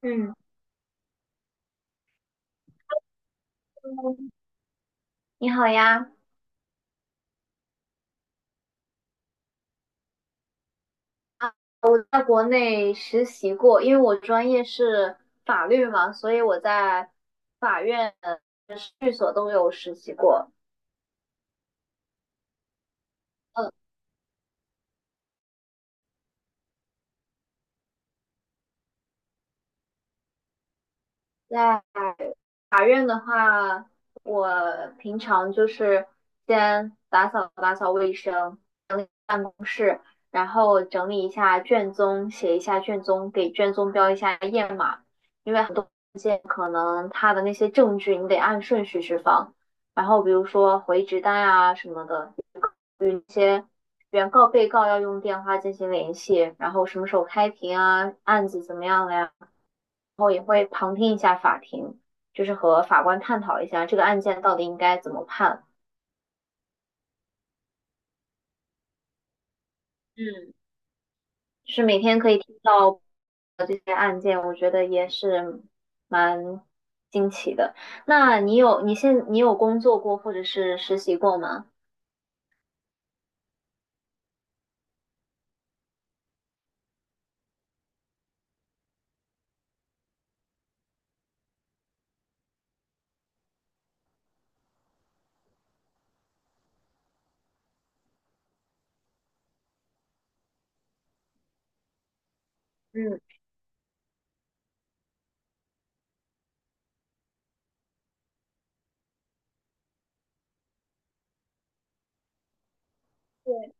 嗯，你好呀。啊，我在国内实习过，因为我专业是法律嘛，所以我在法院、事务所都有实习过。嗯，在法院的话，我平常就是先打扫打扫卫生，整理办公室，然后整理一下卷宗，写一下卷宗，给卷宗标一下页码，因为很多文件可能它的那些证据你得按顺序去放，然后比如说回执单啊什么的，有一些原告被告要用电话进行联系，然后什么时候开庭啊，案子怎么样了呀？然后也会旁听一下法庭，就是和法官探讨一下这个案件到底应该怎么判。嗯，就是每天可以听到这些案件，我觉得也是蛮惊奇的。那你有工作过或者是实习过吗？嗯，对。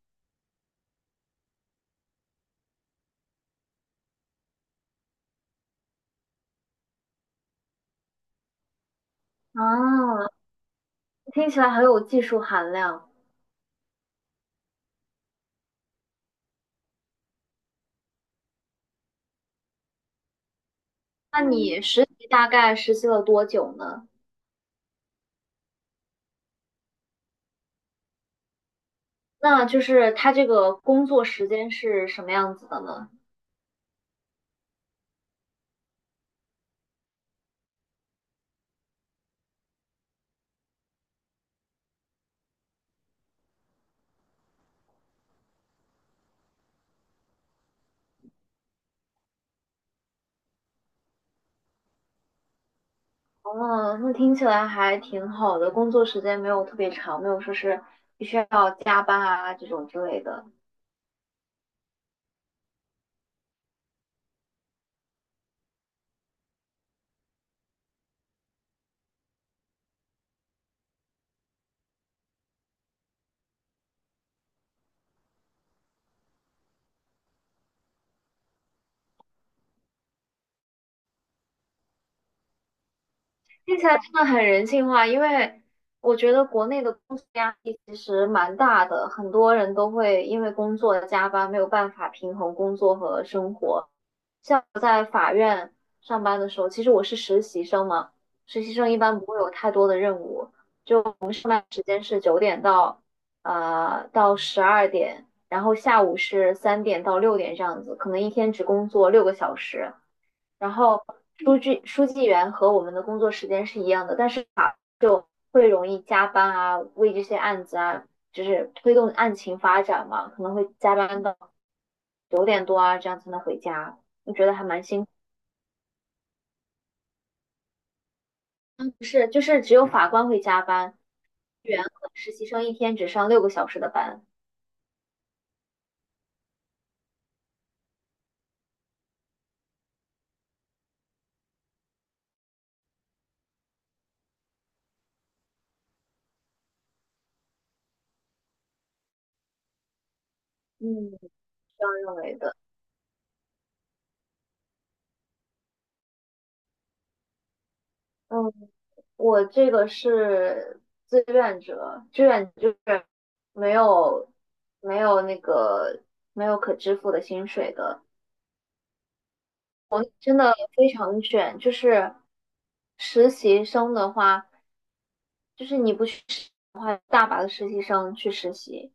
啊，听起来很有技术含量。那你实习大概实习了多久呢？那就是他这个工作时间是什么样子的呢？哦，那听起来还挺好的，工作时间没有特别长，没有说是必须要加班啊这种之类的。听起来真的很人性化。因为我觉得国内的工作压力其实蛮大的，很多人都会因为工作加班，没有办法平衡工作和生活。上班的时候，其实我是实习生嘛，实习生一般不会有太多的任务，就我们上班时间是九点到12点，然后下午是3点到6点这样子，可能一天只工作六个小时。然后书记员和我们的工作时间是一样的，但是他会容易加班啊，为这些案子啊，就是推动案情发展嘛，可能会加班到9点多啊，这样才能回家，我觉得还蛮辛苦。嗯，不是，就是只有法官会加班。员和实习生一天只上六个小时的班。嗯，这样认为的。嗯，我这个是志愿者，志愿就是没有没有那个没有可支付的薪水的。真的非常卷。就是实习生的话，就是你不去实习的话，大把的实习生去实习。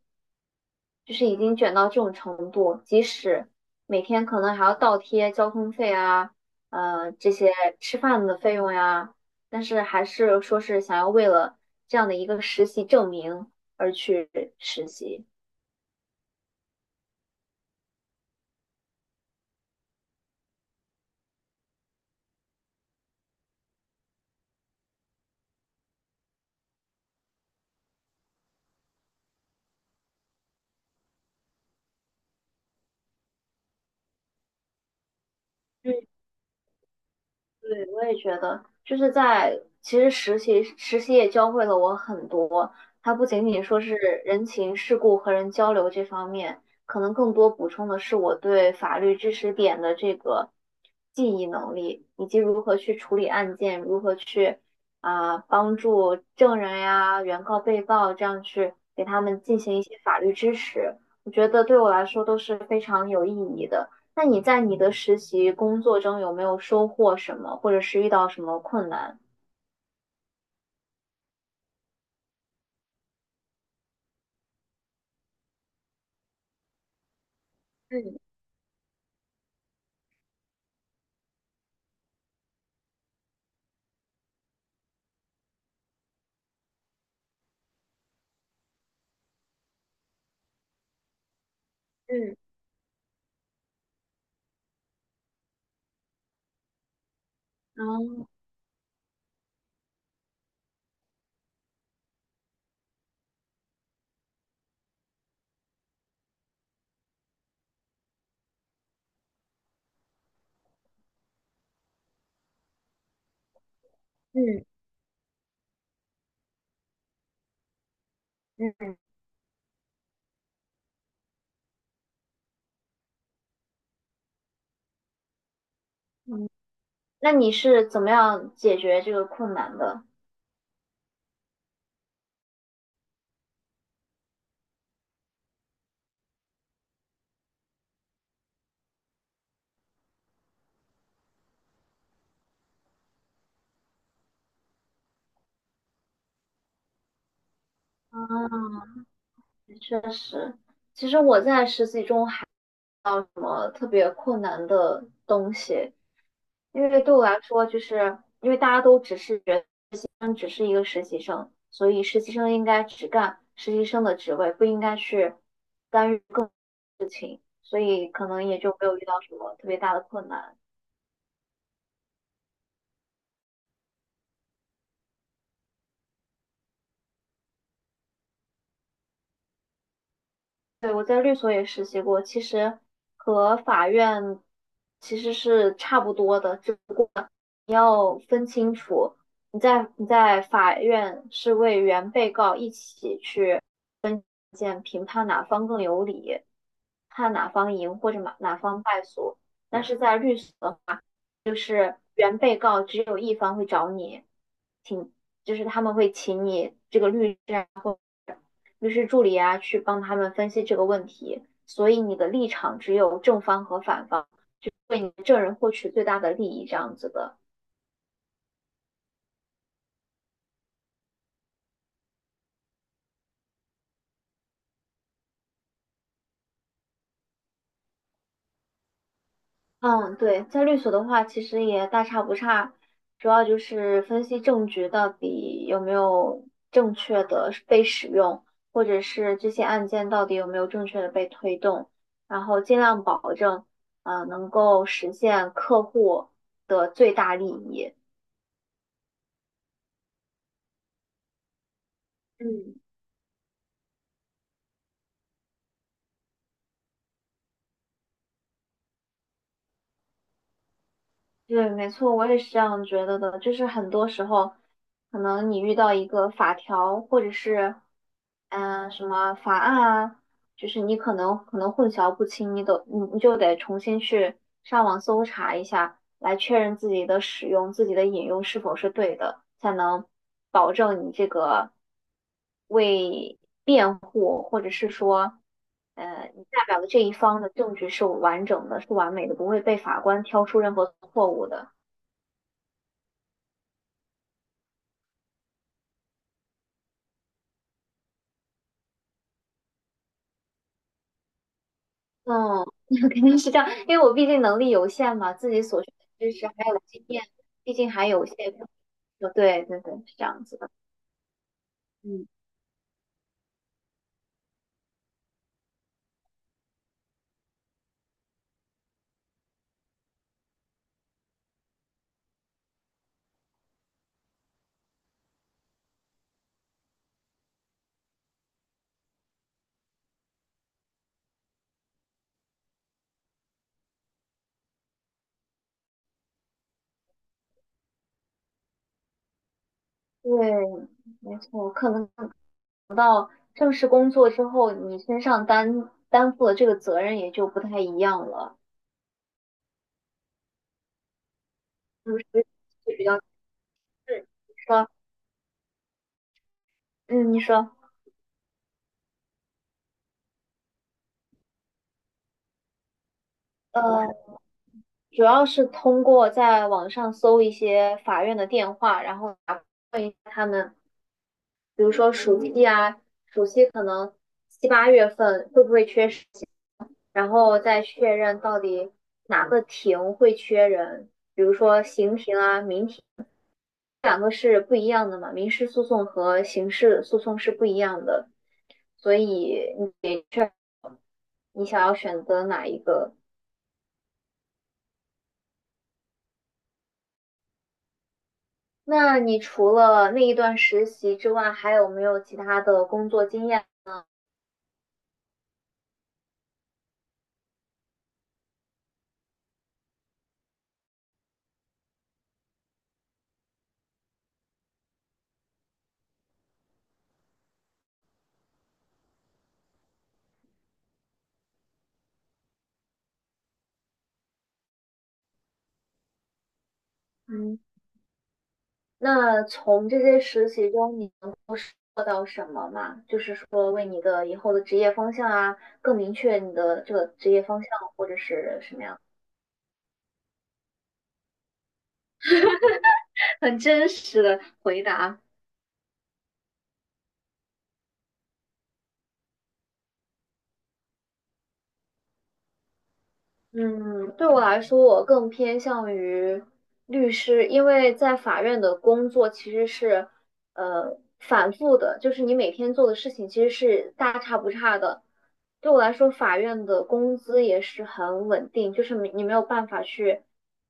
就是已经卷到这种程度，即使每天可能还要倒贴交通费啊，这些吃饭的费用呀，但是还是说是想要为了这样的一个实习证明而去实习。嗯，对，我也觉得，就是其实实习也教会了我很多。它不仅仅说是人情世故和人交流这方面，可能更多补充的是我对法律知识点的这个记忆能力，以及如何去处理案件，如何去帮助证人呀、原告、被告这样去给他们进行一些法律支持。我觉得对我来说都是非常有意义的。那你在你的实习工作中有没有收获什么，或者是遇到什么困难？嗯嗯嗯，嗯嗯嗯。那你是怎么样解决这个困难的？啊，确实，其实我在实习中还遇到什么特别困难的东西，因为对我来说，就是因为大家都只是人，只是一个实习生，所以实习生应该只干实习生的职位，不应该去干预。所以可能也就没有遇到什么特别大的困难。对，我在律所也实习过，其实和法院其实是差不多的，只不过你要分清楚，你在法院是为原被告一起去见评判哪方更有理，判哪方赢或者哪方败诉，但是在律所就是原被告只有一方会找你，请就是他们会请你这个律师啊。律师助理啊去帮他们分析这个问题。所以你的立场只有正方和反方，为你的证人获取最大的利益这样子的。嗯，对，在律所的话，其实也大差不差，主要就是分析证据到底有没有正确的被使用，或者是这些案件到底有没有正确的被推动，然后尽量保证，啊，能够实现客户的最大利益。嗯。对，没错，我也是这样觉得的。就是很多时候，可能你遇到一个法条，或者是什么法案啊，就是你可能混淆不清，你都你你就得重新去上网搜查一下。来确认自己的使用、自己的引用是否是对的，才能保证你这个为辩护，或者是说，你代表的这一方的证据是完整的、是完美的，不会被法官挑出任何错误的。嗯，肯定是这样，因为我毕竟能力有限嘛，自己所学的知识还有经验，毕竟还有限。对对对，是这样子的。嗯，对，没错，可能正式工作之后，你身上担负的这个责任也就不太一样了，就是比较是你说，嗯，你说。呃，主要是通过在网上搜一些法院的电话，然后打问一下他们，比如说暑期啊，暑期可能7、8月份会不会缺实习，然后再确认到底哪个庭会缺人，比如说刑庭啊、民庭两个是不一样的嘛，民事诉讼和刑事诉讼是不一样的，所以你你想要选择哪一个？那你除了那一段实习之外，还有没有其他的工作经验？嗯，那从这些实习中，你能做到什么嘛？就是说，为你的以后的职业方向啊，更明确你的这个职业方向，或者是什么样？很真实的回答。嗯，对我来说，我更偏向于律师，因为在法院的工作其实是，反复的，就是你每天做的事情其实是大差不差的。对我来说，法院的工资也是很稳定，就是没有办法去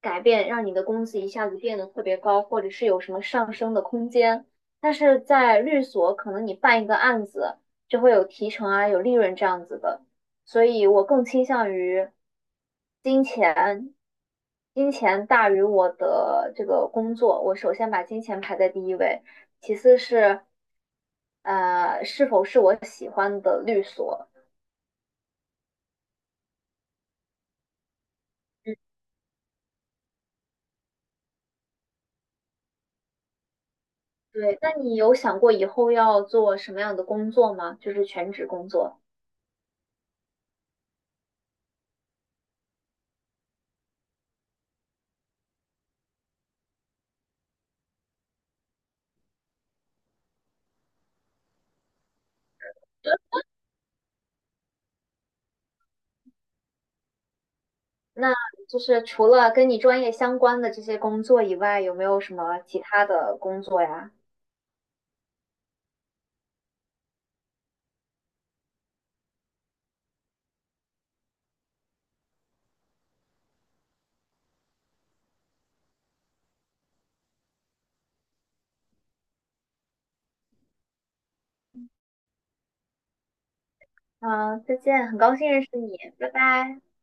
改变，让你的工资一下子变得特别高，或者是有什么上升的空间。但是在律所，可能你办一个案子就会有提成啊，有利润这样子的。所以我更倾向于金钱，金钱大于我的这个工作，我首先把金钱排在第一位，其次是是否是我喜欢的律所。嗯，对，那你有想过以后要做什么样的工作吗？就是全职工作。那就是除了跟你专业相关的这些工作以外，有没有什么其他的工作呀？嗯，再见，很高兴认识你，拜拜。